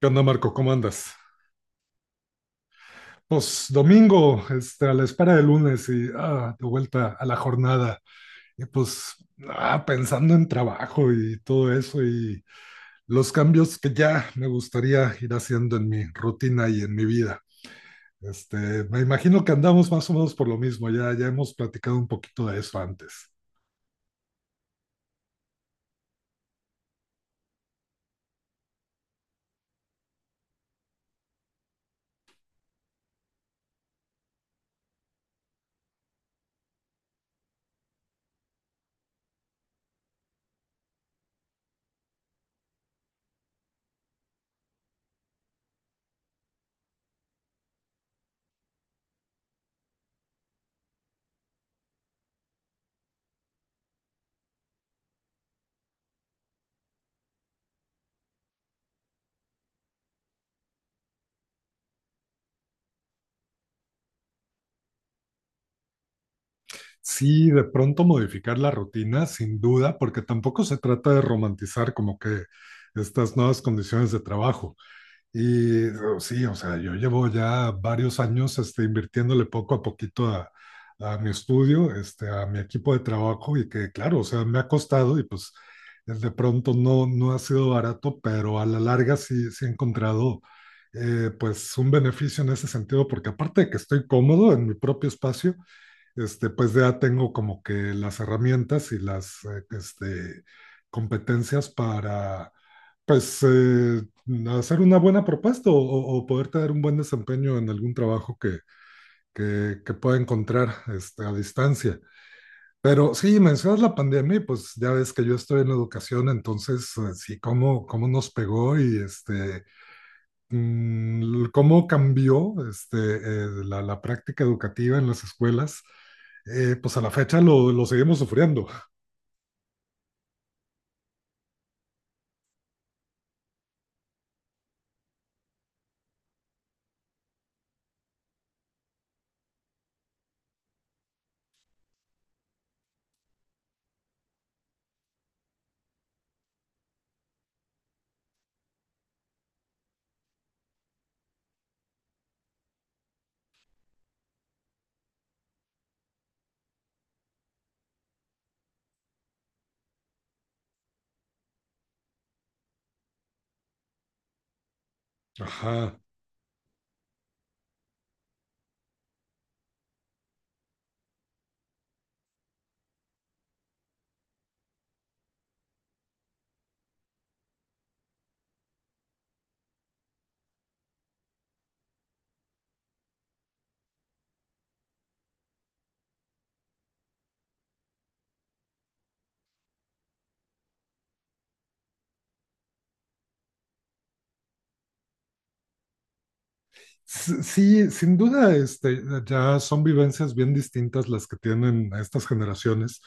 ¿Qué onda, Marco? ¿Cómo andas? Pues domingo, a la espera del lunes y de vuelta a la jornada. Y pues pensando en trabajo y todo eso y los cambios que ya me gustaría ir haciendo en mi rutina y en mi vida. Este, Me imagino que andamos más o menos por lo mismo, ya hemos platicado un poquito de eso antes. Sí, de pronto modificar la rutina, sin duda, porque tampoco se trata de romantizar como que estas nuevas condiciones de trabajo. Sí, o sea, yo llevo ya varios años invirtiéndole poco a poquito a mi estudio, a mi equipo de trabajo y que claro, o sea, me ha costado y pues de pronto no ha sido barato, pero a la larga sí, sí he encontrado pues un beneficio en ese sentido, porque aparte de que estoy cómodo en mi propio espacio, pues ya tengo como que las herramientas y las competencias para pues hacer una buena propuesta o poder tener un buen desempeño en algún trabajo que pueda encontrar a distancia. Pero sí, mencionas la pandemia y pues ya ves que yo estoy en educación, entonces sí, cómo nos pegó y cómo cambió la práctica educativa en las escuelas, pues a la fecha lo seguimos sufriendo. Ajá. Sí, sin duda, ya son vivencias bien distintas las que tienen estas generaciones.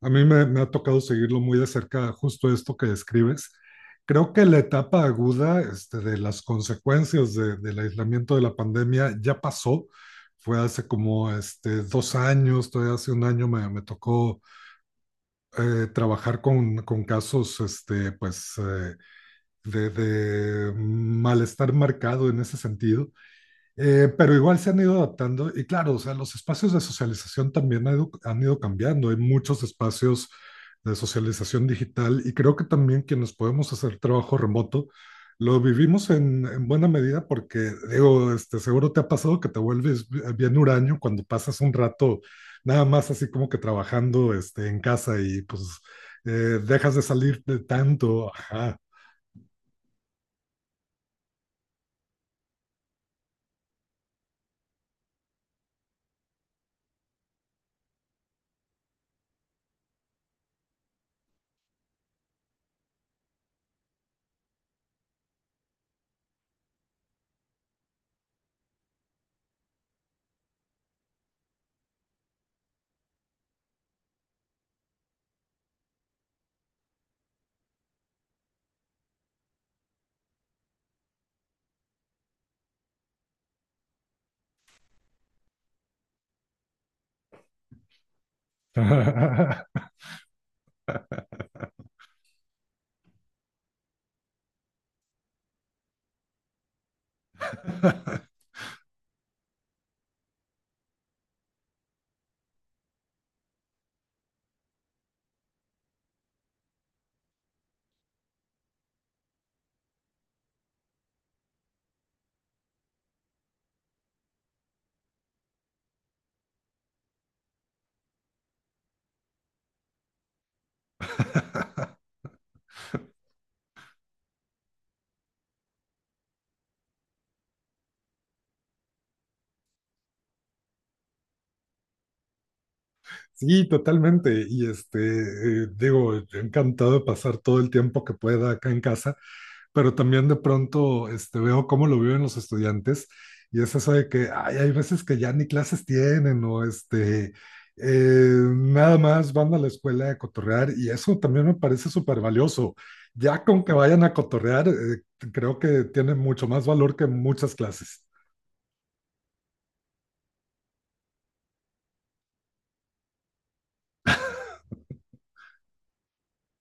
A mí me ha tocado seguirlo muy de cerca, justo esto que describes. Creo que la etapa aguda, de las consecuencias del aislamiento de la pandemia ya pasó. Fue hace como 2 años, todavía hace un año me tocó trabajar con casos de malestar marcado en ese sentido. Pero igual se han ido adaptando y claro, o sea, los espacios de socialización también han ido cambiando. Hay muchos espacios de socialización digital y creo que también quienes podemos hacer trabajo remoto lo vivimos en buena medida porque, digo, seguro te ha pasado que te vuelves bien huraño cuando pasas un rato nada más así como que trabajando en casa y pues eh, dejas de salir de tanto. Ajá. Sí, totalmente. Y digo, encantado de pasar todo el tiempo que pueda acá en casa, pero también de pronto veo cómo lo viven los estudiantes y es eso de que ay, hay veces que ya ni clases tienen o eh, nada más van a la escuela a cotorrear y eso también me parece súper valioso. Ya con que vayan a cotorrear, creo que tiene mucho más valor que muchas clases.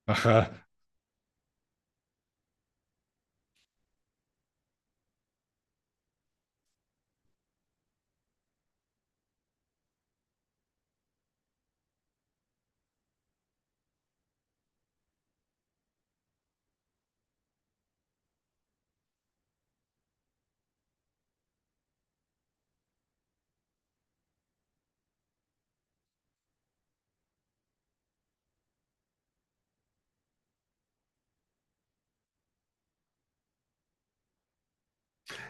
Ajá.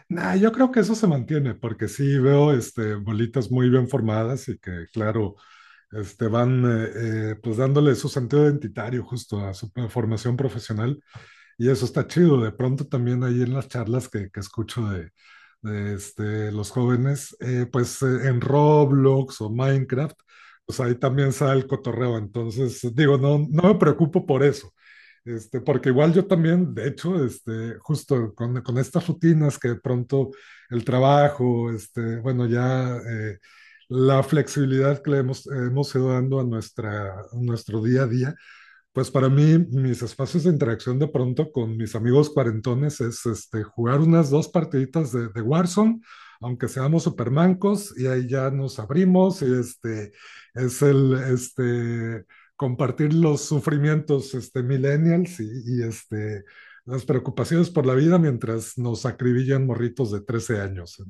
Nah, yo creo que eso se mantiene, porque sí veo bolitas muy bien formadas y que, claro, van pues dándole su sentido identitario justo a su formación profesional y eso está chido. De pronto también ahí en las charlas que escucho de los jóvenes, pues en Roblox o Minecraft, pues ahí también sale el cotorreo. Entonces, digo, no me preocupo por eso. Porque igual yo también, de hecho, justo con estas rutinas que de pronto el trabajo, la flexibilidad que le hemos, hemos ido dando a, nuestra, a nuestro día a día, pues para mí, mis espacios de interacción de pronto con mis amigos cuarentones es jugar unas dos partiditas de Warzone, aunque seamos supermancos, y ahí ya nos abrimos, y es el compartir los sufrimientos millennials y, y las preocupaciones por la vida mientras nos acribillan morritos de 13 años.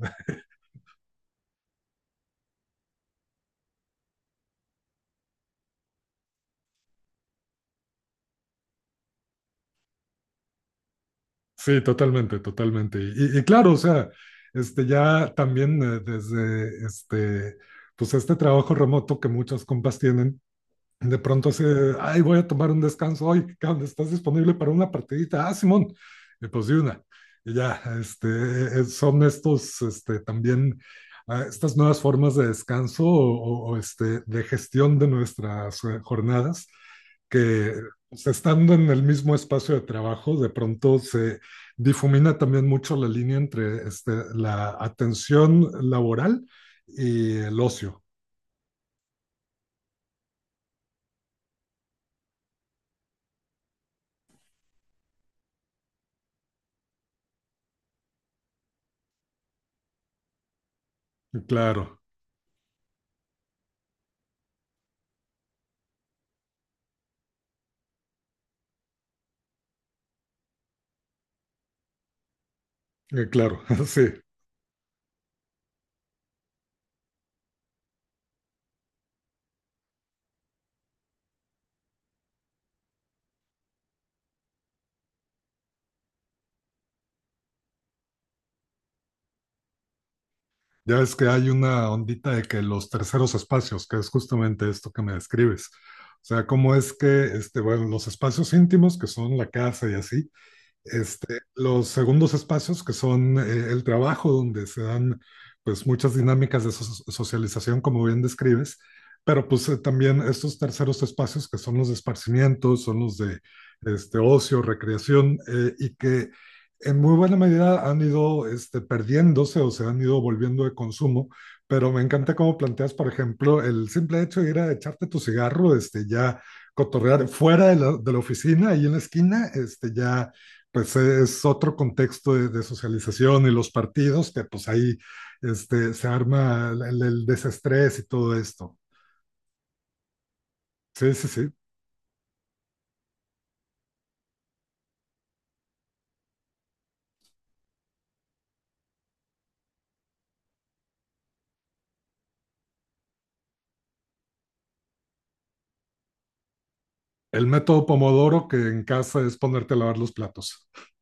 Sí, totalmente, totalmente. Y claro, o sea, este ya también desde pues este trabajo remoto que muchos compas tienen, de pronto se, ay, voy a tomar un descanso hoy, cabrón, ¿estás disponible para una partidita? Ah, Simón, y pues de una. Y ya, son estos, también, estas nuevas formas de descanso o de gestión de nuestras jornadas, que pues, estando en el mismo espacio de trabajo, de pronto se difumina también mucho la línea entre la atención laboral y el ocio. Claro, claro, sí. Ya ves que hay una ondita de que los terceros espacios, que es justamente esto que me describes. O sea, cómo es que, bueno, los espacios íntimos, que son la casa y así, los segundos espacios, que son el trabajo, donde se dan pues muchas dinámicas de socialización, como bien describes, pero pues también estos terceros espacios, que son los de esparcimiento, son los de ocio, recreación, y que en muy buena medida han ido perdiéndose o se han ido volviendo de consumo, pero me encanta cómo planteas, por ejemplo, el simple hecho de ir a echarte tu cigarro, ya cotorrear fuera de la oficina, ahí en la esquina, ya pues es otro contexto de socialización y los partidos que pues ahí se arma el desestrés y todo esto. Sí, sí, sí. El método Pomodoro que en casa es ponerte a lavar los platos.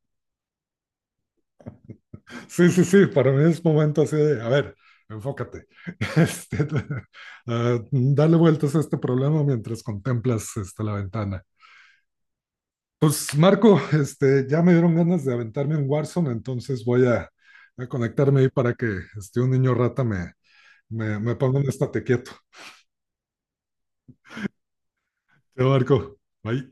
Sí, sí, sí, para mí es momento así de, a ver, enfócate, dale vueltas a este problema mientras contemplas la ventana. Pues Marco, ya me dieron ganas de aventarme en Warzone, entonces voy a conectarme ahí para que un niño rata Me, me pongo en estate quieto. Te marco. Bye.